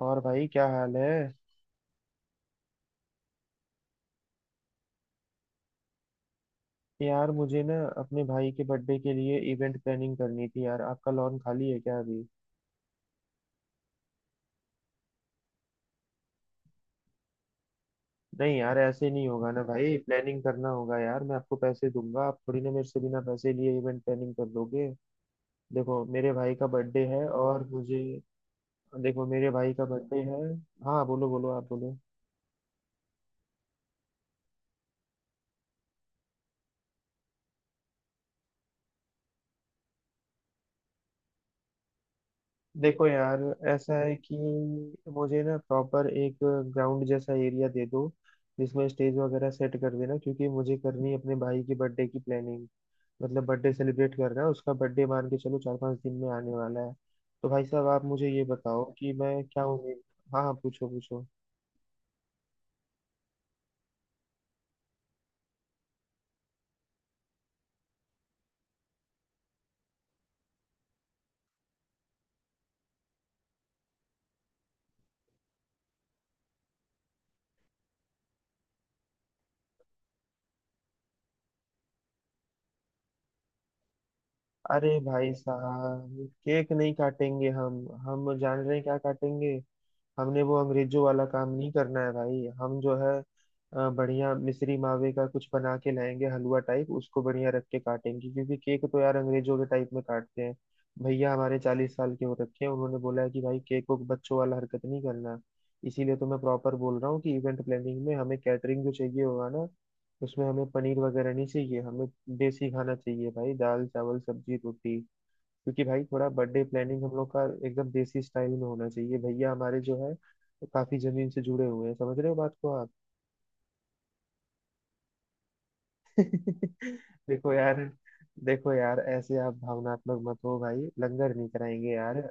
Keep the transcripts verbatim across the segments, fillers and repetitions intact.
और भाई क्या हाल है। यार मुझे ना अपने भाई के बर्थडे के लिए इवेंट प्लानिंग करनी थी। यार आपका लॉन खाली है क्या अभी? नहीं यार, ऐसे नहीं होगा ना भाई, प्लानिंग करना होगा। यार मैं आपको पैसे दूंगा, आप थोड़ी ना मेरे से बिना पैसे लिए इवेंट प्लानिंग कर दोगे। देखो मेरे भाई का बर्थडे है और मुझे। देखो मेरे भाई का बर्थडे है। हाँ बोलो बोलो, आप बोलो। देखो यार, ऐसा है कि मुझे ना प्रॉपर एक ग्राउंड जैसा एरिया दे दो, जिसमें स्टेज वगैरह सेट कर देना, क्योंकि मुझे करनी है अपने भाई की बर्थडे की प्लानिंग। मतलब बर्थडे सेलिब्रेट कर रहा है, उसका बर्थडे मान के चलो चार पांच दिन में आने वाला है। तो भाई साहब आप मुझे ये बताओ कि मैं क्या उम्मीद। हाँ हाँ, पूछो पूछो। अरे भाई साहब, केक नहीं काटेंगे हम। हम जान रहे हैं क्या काटेंगे। हमने वो अंग्रेजों वाला काम नहीं करना है भाई, हम जो है अ, बढ़िया मिश्री मावे का कुछ बना के लाएंगे हलवा टाइप, उसको बढ़िया रख के काटेंगे, क्योंकि केक तो यार अंग्रेजों के टाइप में काटते हैं। भैया हमारे चालीस साल के हो रखे हैं, उन्होंने बोला है कि भाई, केक को बच्चों वाला हरकत नहीं करना। इसीलिए तो मैं प्रॉपर बोल रहा हूँ कि इवेंट प्लानिंग में हमें कैटरिंग जो चाहिए होगा ना, उसमें हमें पनीर वगैरह नहीं चाहिए, हमें देसी खाना चाहिए भाई, दाल चावल सब्जी रोटी। क्योंकि भाई थोड़ा बर्थडे प्लानिंग हम लोग का एकदम देसी स्टाइल में होना चाहिए, भैया हमारे जो है काफी जमीन से जुड़े हुए हैं, समझ रहे हो बात को आप? देखो यार। देखो यार, ऐसे आप भावनात्मक मत हो भाई, लंगर नहीं कराएंगे यार।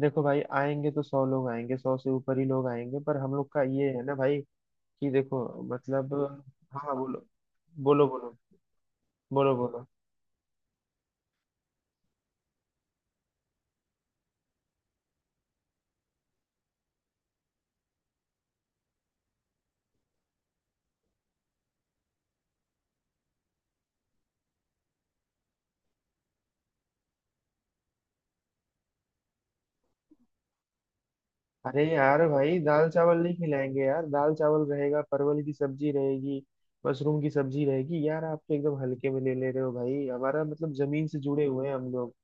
देखो भाई, आएंगे तो सौ लोग आएंगे, सौ से ऊपर ही लोग आएंगे, पर हम लोग का ये है ना भाई कि देखो। मतलब। हाँ बोलो बोलो, बोलो बोलो बोलो। अरे यार भाई, दाल चावल नहीं खिलाएंगे यार, दाल चावल रहेगा, परवल की सब्जी रहेगी, मशरूम की सब्जी रहेगी। यार आप तो एकदम हल्के में ले ले रहे हो भाई, हमारा मतलब जमीन से जुड़े हुए हैं हम लोग।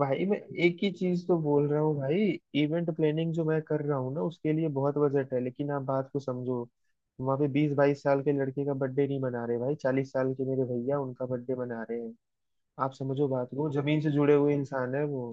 भाई मैं एक ही चीज तो बोल रहा हूँ भाई, इवेंट प्लानिंग जो मैं कर रहा हूँ ना उसके लिए बहुत बजट है, लेकिन आप बात को समझो। वहाँ पे बीस बाईस साल के लड़के का बर्थडे नहीं मना रहे भाई, चालीस साल के मेरे भैया, उनका बर्थडे मना रहे हैं। आप समझो बात को, जमीन से जुड़े हुए इंसान है वो।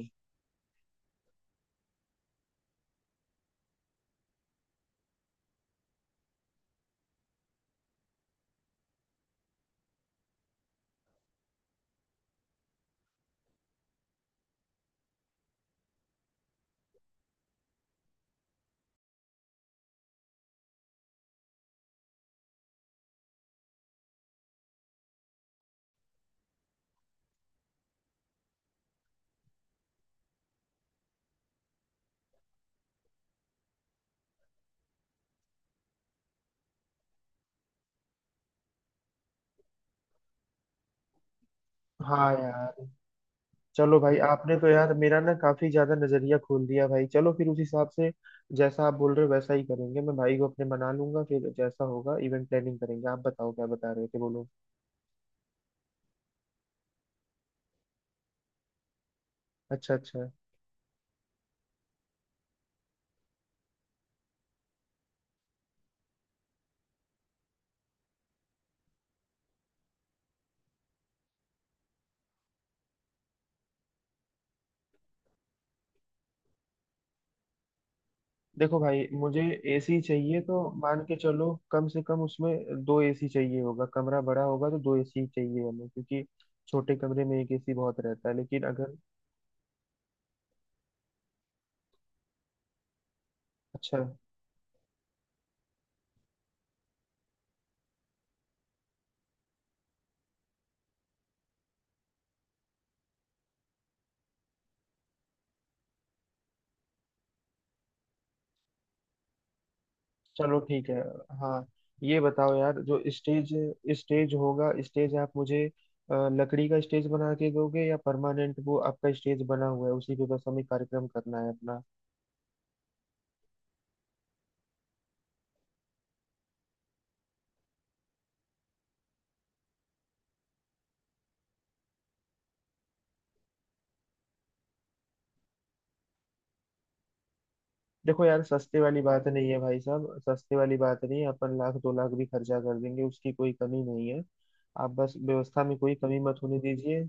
हाँ यार। चलो भाई, आपने तो यार मेरा ना काफी ज्यादा नजरिया खोल दिया भाई, चलो फिर उस हिसाब से जैसा आप बोल रहे हो वैसा ही करेंगे, मैं भाई को अपने मना लूंगा फिर, जैसा होगा इवेंट प्लानिंग करेंगे। आप बताओ क्या बता रहे थे, बोलो। अच्छा अच्छा। देखो भाई, मुझे एसी चाहिए तो मान के चलो कम से कम उसमें दो एसी चाहिए होगा, कमरा बड़ा होगा तो दो एसी चाहिए हमें, क्योंकि छोटे कमरे में एक एसी बहुत रहता है, लेकिन अगर। अच्छा, चलो ठीक है। हाँ, ये बताओ यार, जो स्टेज स्टेज होगा, स्टेज आप मुझे अ, लकड़ी का स्टेज बना के दोगे, या परमानेंट वो आपका स्टेज बना हुआ है उसी पे बस हमें कार्यक्रम करना है अपना? देखो यार, सस्ते वाली बात नहीं है भाई साहब, सस्ते वाली बात नहीं है, अपन लाख दो लाख भी खर्चा कर देंगे, उसकी कोई कमी नहीं है। आप बस व्यवस्था में कोई कमी मत होने दीजिए।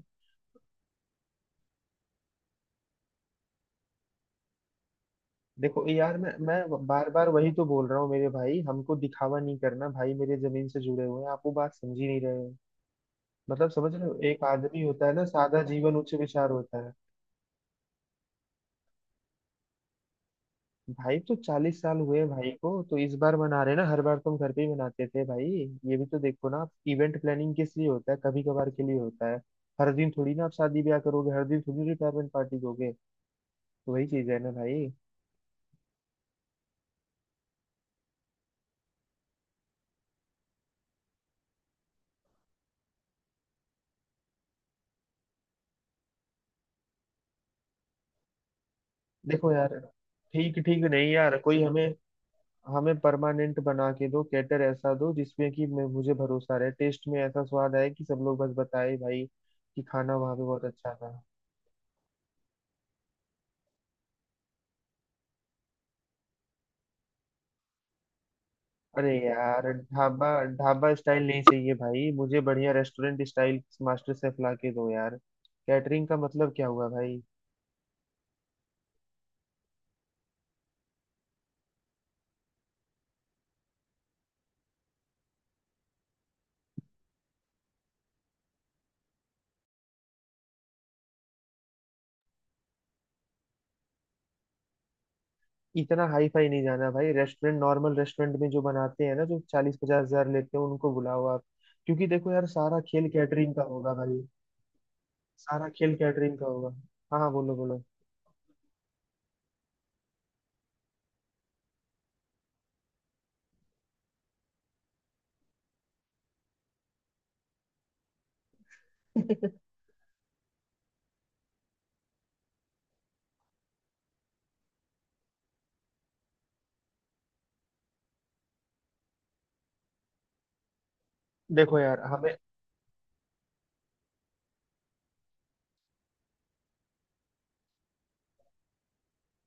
देखो यार, मैं मैं बार बार वही तो बोल रहा हूँ मेरे भाई, हमको दिखावा नहीं करना भाई मेरे, जमीन से जुड़े हुए हैं, आप वो बात समझ ही नहीं रहे हो। मतलब समझ रहे हो, एक आदमी होता है ना, सादा जीवन उच्च विचार होता है। भाई तो चालीस साल हुए हैं भाई को, तो इस बार मना रहे ना, हर बार तुम घर पे ही मनाते थे भाई। ये भी तो देखो ना, आप इवेंट प्लानिंग किस लिए होता है, कभी कभार के लिए होता है। हर दिन थोड़ी ना आप शादी ब्याह करोगे, हर दिन थोड़ी रिटायरमेंट पार्टी दोगे, तो वही चीज है ना भाई। देखो यार, ठीक ठीक नहीं यार, कोई हमें। हमें परमानेंट बना के दो कैटर, ऐसा दो जिसमें कि मैं- मुझे भरोसा रहे, टेस्ट में ऐसा स्वाद आए कि सब लोग बस बताए भाई, कि खाना वहां पे बहुत अच्छा था। अरे यार, ढाबा। ढाबा स्टाइल नहीं चाहिए भाई, मुझे बढ़िया रेस्टोरेंट स्टाइल, मास्टर शेफ ला के दो यार। कैटरिंग का मतलब क्या हुआ भाई? इतना हाई फाई नहीं जाना भाई, रेस्टोरेंट, नॉर्मल रेस्टोरेंट में जो बनाते हैं ना, जो चालीस पचास हजार लेते हैं, उनको बुलाओ आप। क्योंकि देखो यार, सारा खेल कैटरिंग का होगा भाई, सारा खेल कैटरिंग का होगा। हाँ हाँ बोलो बोलो। देखो यार हमें।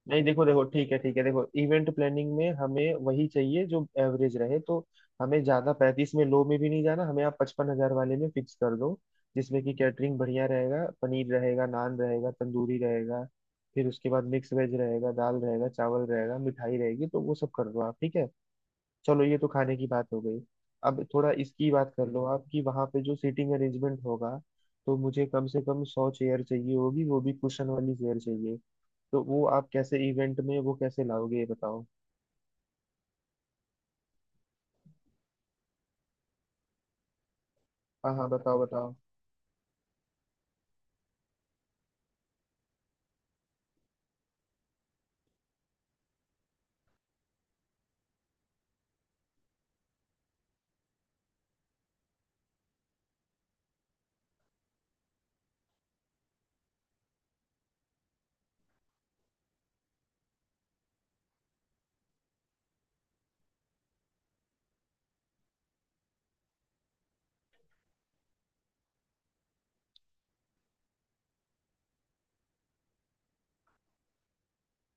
नहीं, देखो देखो, ठीक है ठीक है, देखो इवेंट प्लानिंग में हमें वही चाहिए जो एवरेज रहे, तो हमें ज्यादा पैंतीस में लो में भी नहीं जाना, हमें आप पचपन हजार वाले में फिक्स कर दो, जिसमें कि कैटरिंग बढ़िया रहेगा, पनीर रहेगा, नान रहेगा, तंदूरी रहेगा, फिर उसके बाद मिक्स वेज रहेगा, दाल रहेगा, चावल रहेगा, मिठाई रहेगी, तो वो सब कर दो आप, ठीक है। चलो ये तो खाने की बात हो गई। अब थोड़ा इसकी बात कर लो आप, कि वहाँ पे जो सीटिंग अरेंजमेंट होगा, तो मुझे कम से कम सौ चेयर चाहिए होगी, वो भी कुशन वाली चेयर चाहिए, तो वो आप कैसे इवेंट में वो कैसे लाओगे ये बताओ? हाँ हाँ, बताओ बताओ।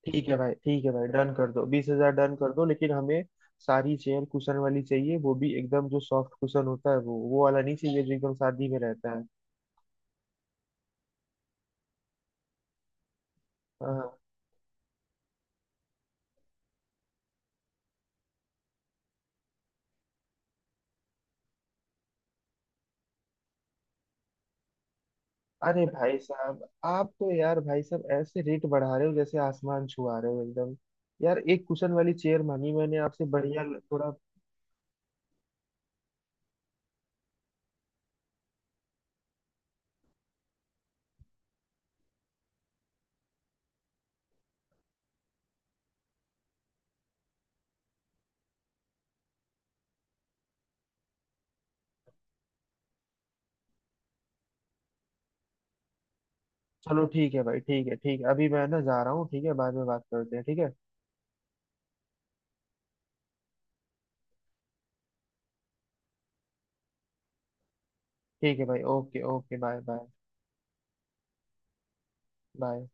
ठीक है भाई, ठीक है भाई, डन कर दो, बीस हजार डन कर दो, लेकिन हमें सारी चेयर कुशन वाली चाहिए, वो भी एकदम जो सॉफ्ट कुशन होता है, वो वो वाला नहीं चाहिए जो एकदम शादी में रहता है। हाँ हाँ। अरे भाई साहब, आप तो यार भाई साहब ऐसे रेट बढ़ा रहे हो जैसे आसमान छुआ रहे हो एकदम, यार एक कुशन वाली चेयर मांगी मैंने आपसे बढ़िया थोड़ा। चलो ठीक है भाई, ठीक है ठीक है, अभी मैं ना जा रहा हूँ, ठीक है, बाद में बात करते हैं ठीक है। ठीक है भाई, okay okay, bye bye. Bye.